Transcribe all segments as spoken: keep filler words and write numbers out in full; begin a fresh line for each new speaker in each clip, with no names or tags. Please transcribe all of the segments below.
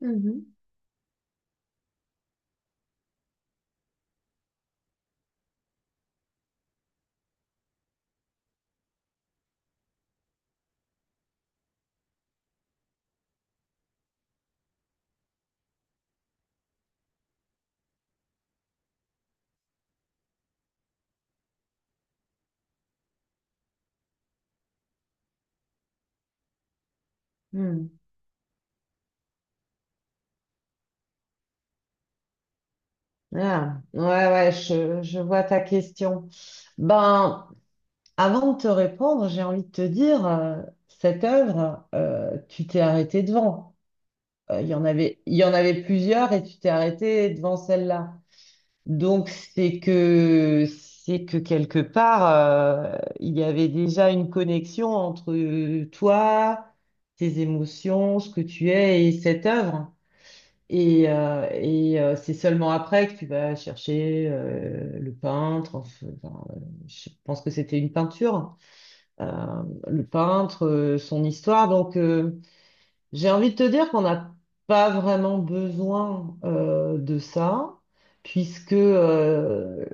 Mhm. Hmm. Ah, ouais, ouais, je, je vois ta question. Ben, avant de te répondre, j'ai envie de te dire, euh, cette œuvre, euh, tu t'es arrêté devant. Euh, Il y en avait, il y en avait plusieurs et tu t'es arrêté devant celle-là. Donc, c'est que, c'est que quelque part, euh, il y avait déjà une connexion entre euh, toi, tes émotions, ce que tu es et cette œuvre. Et, euh, et euh, c'est seulement après que tu vas chercher euh, le peintre. enfin, enfin, euh, je pense que c'était une peinture, hein. Euh, le peintre, euh, son histoire. Donc, euh, j'ai envie de te dire qu'on n'a pas vraiment besoin euh, de ça, puisque euh,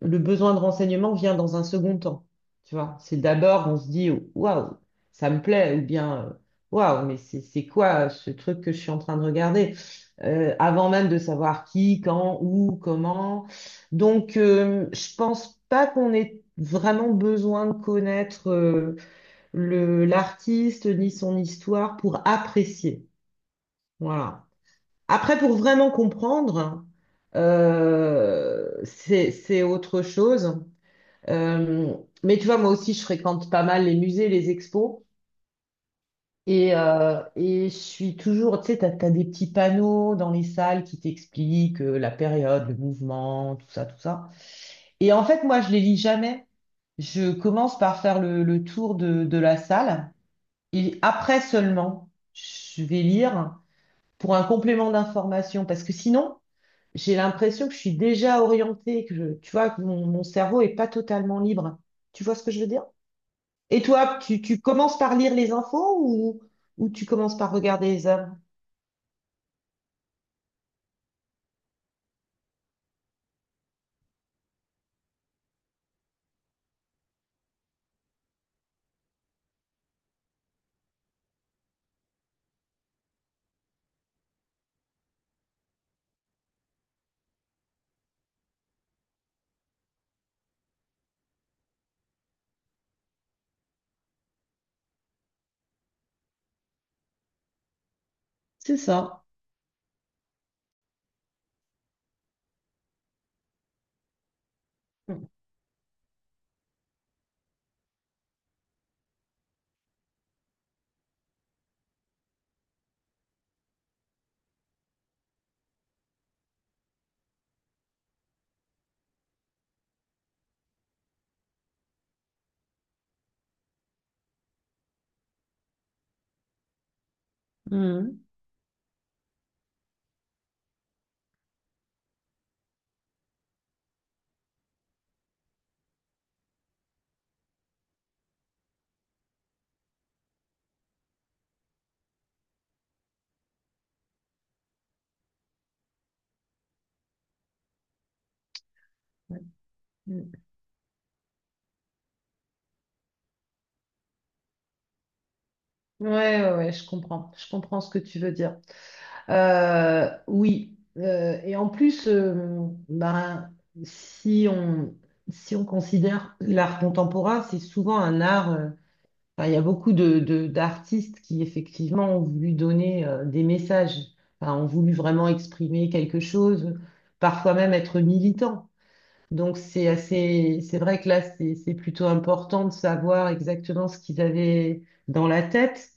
le besoin de renseignement vient dans un second temps. Tu vois, c'est d'abord on se dit waouh, ça me plaît, ou bien euh, waouh, mais c'est c'est quoi ce truc que je suis en train de regarder, Euh, avant même de savoir qui, quand, où, comment. Donc, euh, je pense pas qu'on ait vraiment besoin de connaître euh, le, l'artiste ni son histoire pour apprécier. Voilà. Après, pour vraiment comprendre, euh, c'est, c'est autre chose. Euh, mais tu vois, moi aussi, je fréquente pas mal les musées, les expos. Et, euh, et je suis toujours, tu sais, t'as, t'as des petits panneaux dans les salles qui t'expliquent euh, la période, le mouvement, tout ça, tout ça. Et en fait, moi, je les lis jamais. Je commence par faire le, le tour de, de la salle. Et après seulement, je vais lire pour un complément d'information, parce que sinon, j'ai l'impression que je suis déjà orientée, que je- tu vois, que mon, mon cerveau est pas totalement libre. Tu vois ce que je veux dire? Et toi, tu, tu commences par lire les infos ou, ou tu commences par regarder les œuvres? C'est ça. Mhm. Mhm. Ouais, ouais, ouais, je comprends. Je comprends ce que tu veux dire. Euh, oui. Euh, et en plus, euh, ben, si on, si on considère l'art contemporain, c'est souvent un art. Euh, enfin, il y a beaucoup de, de- d'artistes qui, effectivement, ont voulu donner euh, des messages. Enfin, ont voulu vraiment exprimer quelque chose, parfois même être militants. Donc, c'est assez, c'est vrai que là, c'est c'est plutôt important de savoir exactement ce qu'ils avaient dans la tête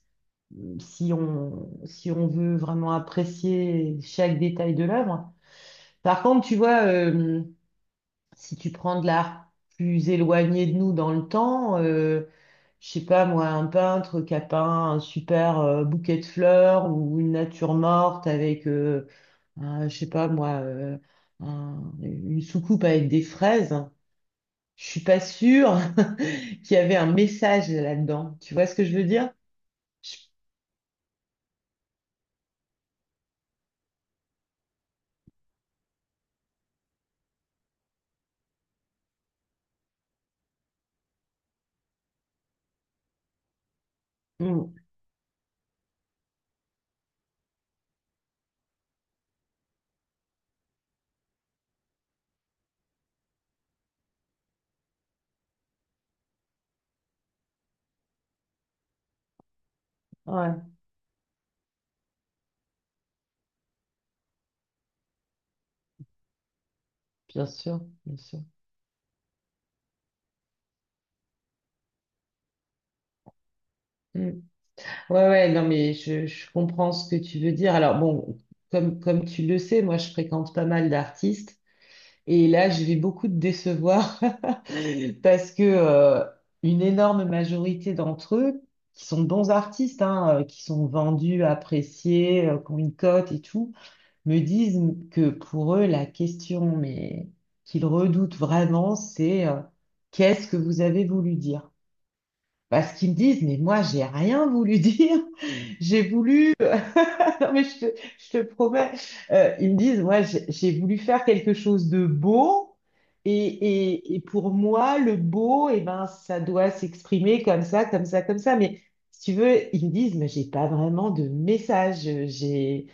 si on, si on veut vraiment apprécier chaque détail de l'œuvre. Par contre, tu vois, euh, si tu prends de l'art plus éloigné de nous dans le temps, euh, je sais pas moi, un peintre qui a peint un super euh, bouquet de fleurs ou une nature morte avec, euh, un- je sais pas moi, euh, un- une soucoupe avec des fraises, je suis pas sûre qu'il y avait un message là-dedans. Tu vois ce que je veux dire? Je- Mm. Ouais, bien sûr, bien sûr. Mm. Ouais, ouais, non, mais je, je comprends ce que tu veux dire. Alors, bon, comme, comme tu le sais, moi, je fréquente pas mal d'artistes et là, je vais beaucoup te décevoir parce que euh, une énorme majorité d'entre eux, qui sont de bons artistes, hein, euh, qui sont vendus, appréciés, euh, qui ont une cote et tout, me disent que pour eux, la question, mais qu'ils redoutent vraiment, c'est euh, qu'est-ce que vous avez voulu dire? Parce qu'ils me disent, mais moi, j'ai rien voulu dire. J'ai voulu. Non, mais je te, je te promets. Euh, ils me disent, moi, j'ai j'ai voulu faire quelque chose de beau. Et, et, et pour moi, le beau, eh ben, ça doit s'exprimer comme ça, comme ça, comme ça. Mais si tu veux, ils me disent, mais j'ai pas vraiment de message. J'ai, j'ai...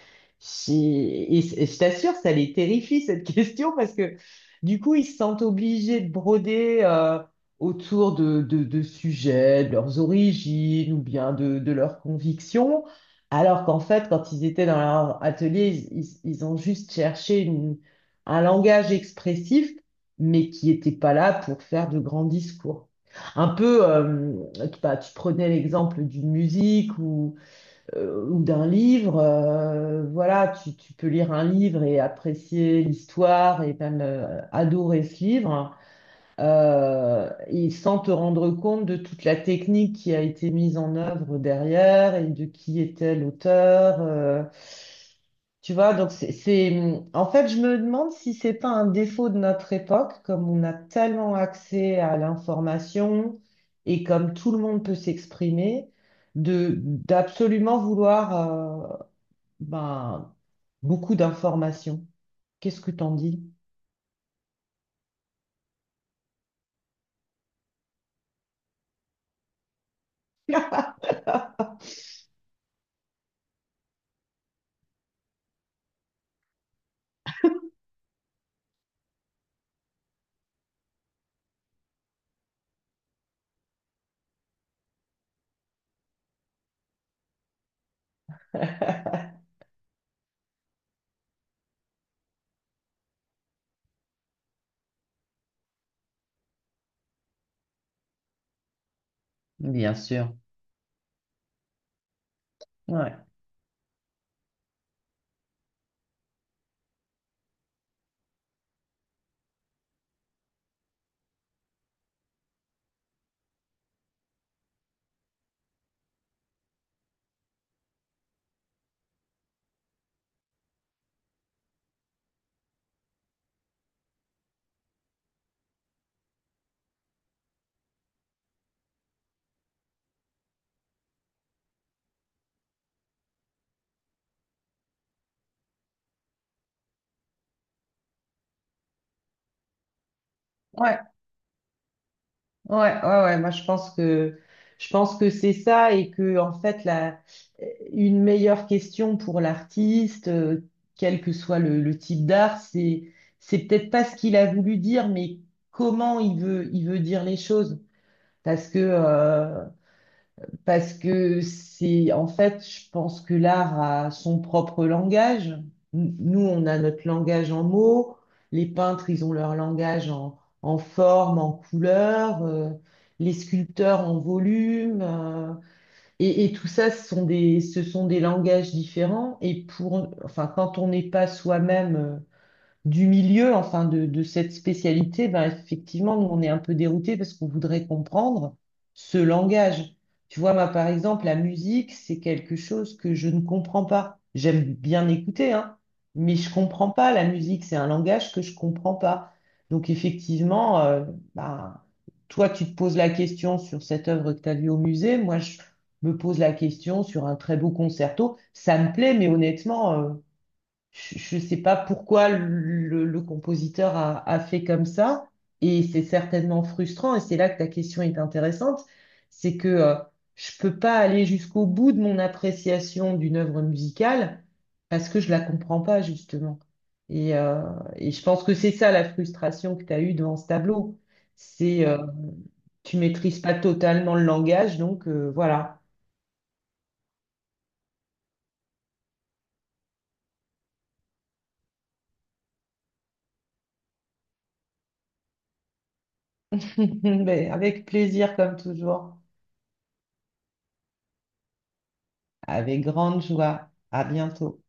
Et c- et je t'assure, ça les terrifie, cette question, parce que du coup, ils se sentent obligés de broder euh, autour de, de, de sujets, de leurs origines ou bien de, de leurs convictions, alors qu'en fait, quand ils étaient dans leur atelier, ils, ils- ils ont juste cherché une- un langage expressif, mais qui n'était pas là pour faire de grands discours. Un peu, euh, bah, tu prenais l'exemple d'une musique ou, euh, ou d'un livre, euh, voilà, tu, tu peux lire un livre et apprécier l'histoire et même euh, adorer ce livre euh, et sans te rendre compte de toute la technique qui a été mise en œuvre derrière et de qui était l'auteur. Euh, tu vois, donc c'est, c'est- en fait, je me demande si c'est pas un défaut de notre époque, comme on a tellement accès à l'information et comme tout le monde peut s'exprimer, de d'absolument vouloir euh, ben, beaucoup d'informations. Qu'est-ce que t'en dis? Bien sûr. Ouais. Ouais. Ouais, ouais, ouais, moi je pense que je pense que c'est ça et que en fait la une meilleure question pour l'artiste, euh, quel que soit le, le type d'art, c'est c'est peut-être pas ce qu'il a voulu dire, mais comment il veut il veut dire les choses. Parce que euh, parce que c'est, en fait, je pense que l'art a son propre langage. N- Nous, on a notre langage en mots. Les peintres, ils ont leur langage en, en forme, en couleur. Euh, les sculpteurs en volume. euh, et, et tout ça, ce sont des, ce sont des langages différents. Et pour, enfin, quand on n'est pas soi-même euh, du milieu, enfin de, de cette spécialité, ben effectivement, nous, on est un peu dérouté parce qu'on voudrait comprendre ce langage. Tu vois, moi, par exemple, la musique, c'est quelque chose que je ne comprends pas. J'aime bien écouter, hein, mais je comprends pas la musique. C'est un langage que je comprends pas. Donc, effectivement, euh, ben, toi, tu te poses la question sur cette œuvre que tu as vue au musée. Moi, je me pose la question sur un très beau concerto. Ça me plaît, mais honnêtement, euh, je ne sais pas pourquoi le, le compositeur a, a fait comme ça, et c'est certainement frustrant, et c'est là que ta question est intéressante, c'est que euh, je ne peux pas aller jusqu'au bout de mon appréciation d'une œuvre musicale parce que je la comprends pas, justement. Et, euh, et je pense que c'est ça la frustration que tu as eue devant ce tableau. C'est euh, tu maîtrises pas totalement le langage, donc euh, voilà. Mais avec plaisir, comme toujours. Avec grande joie. À bientôt.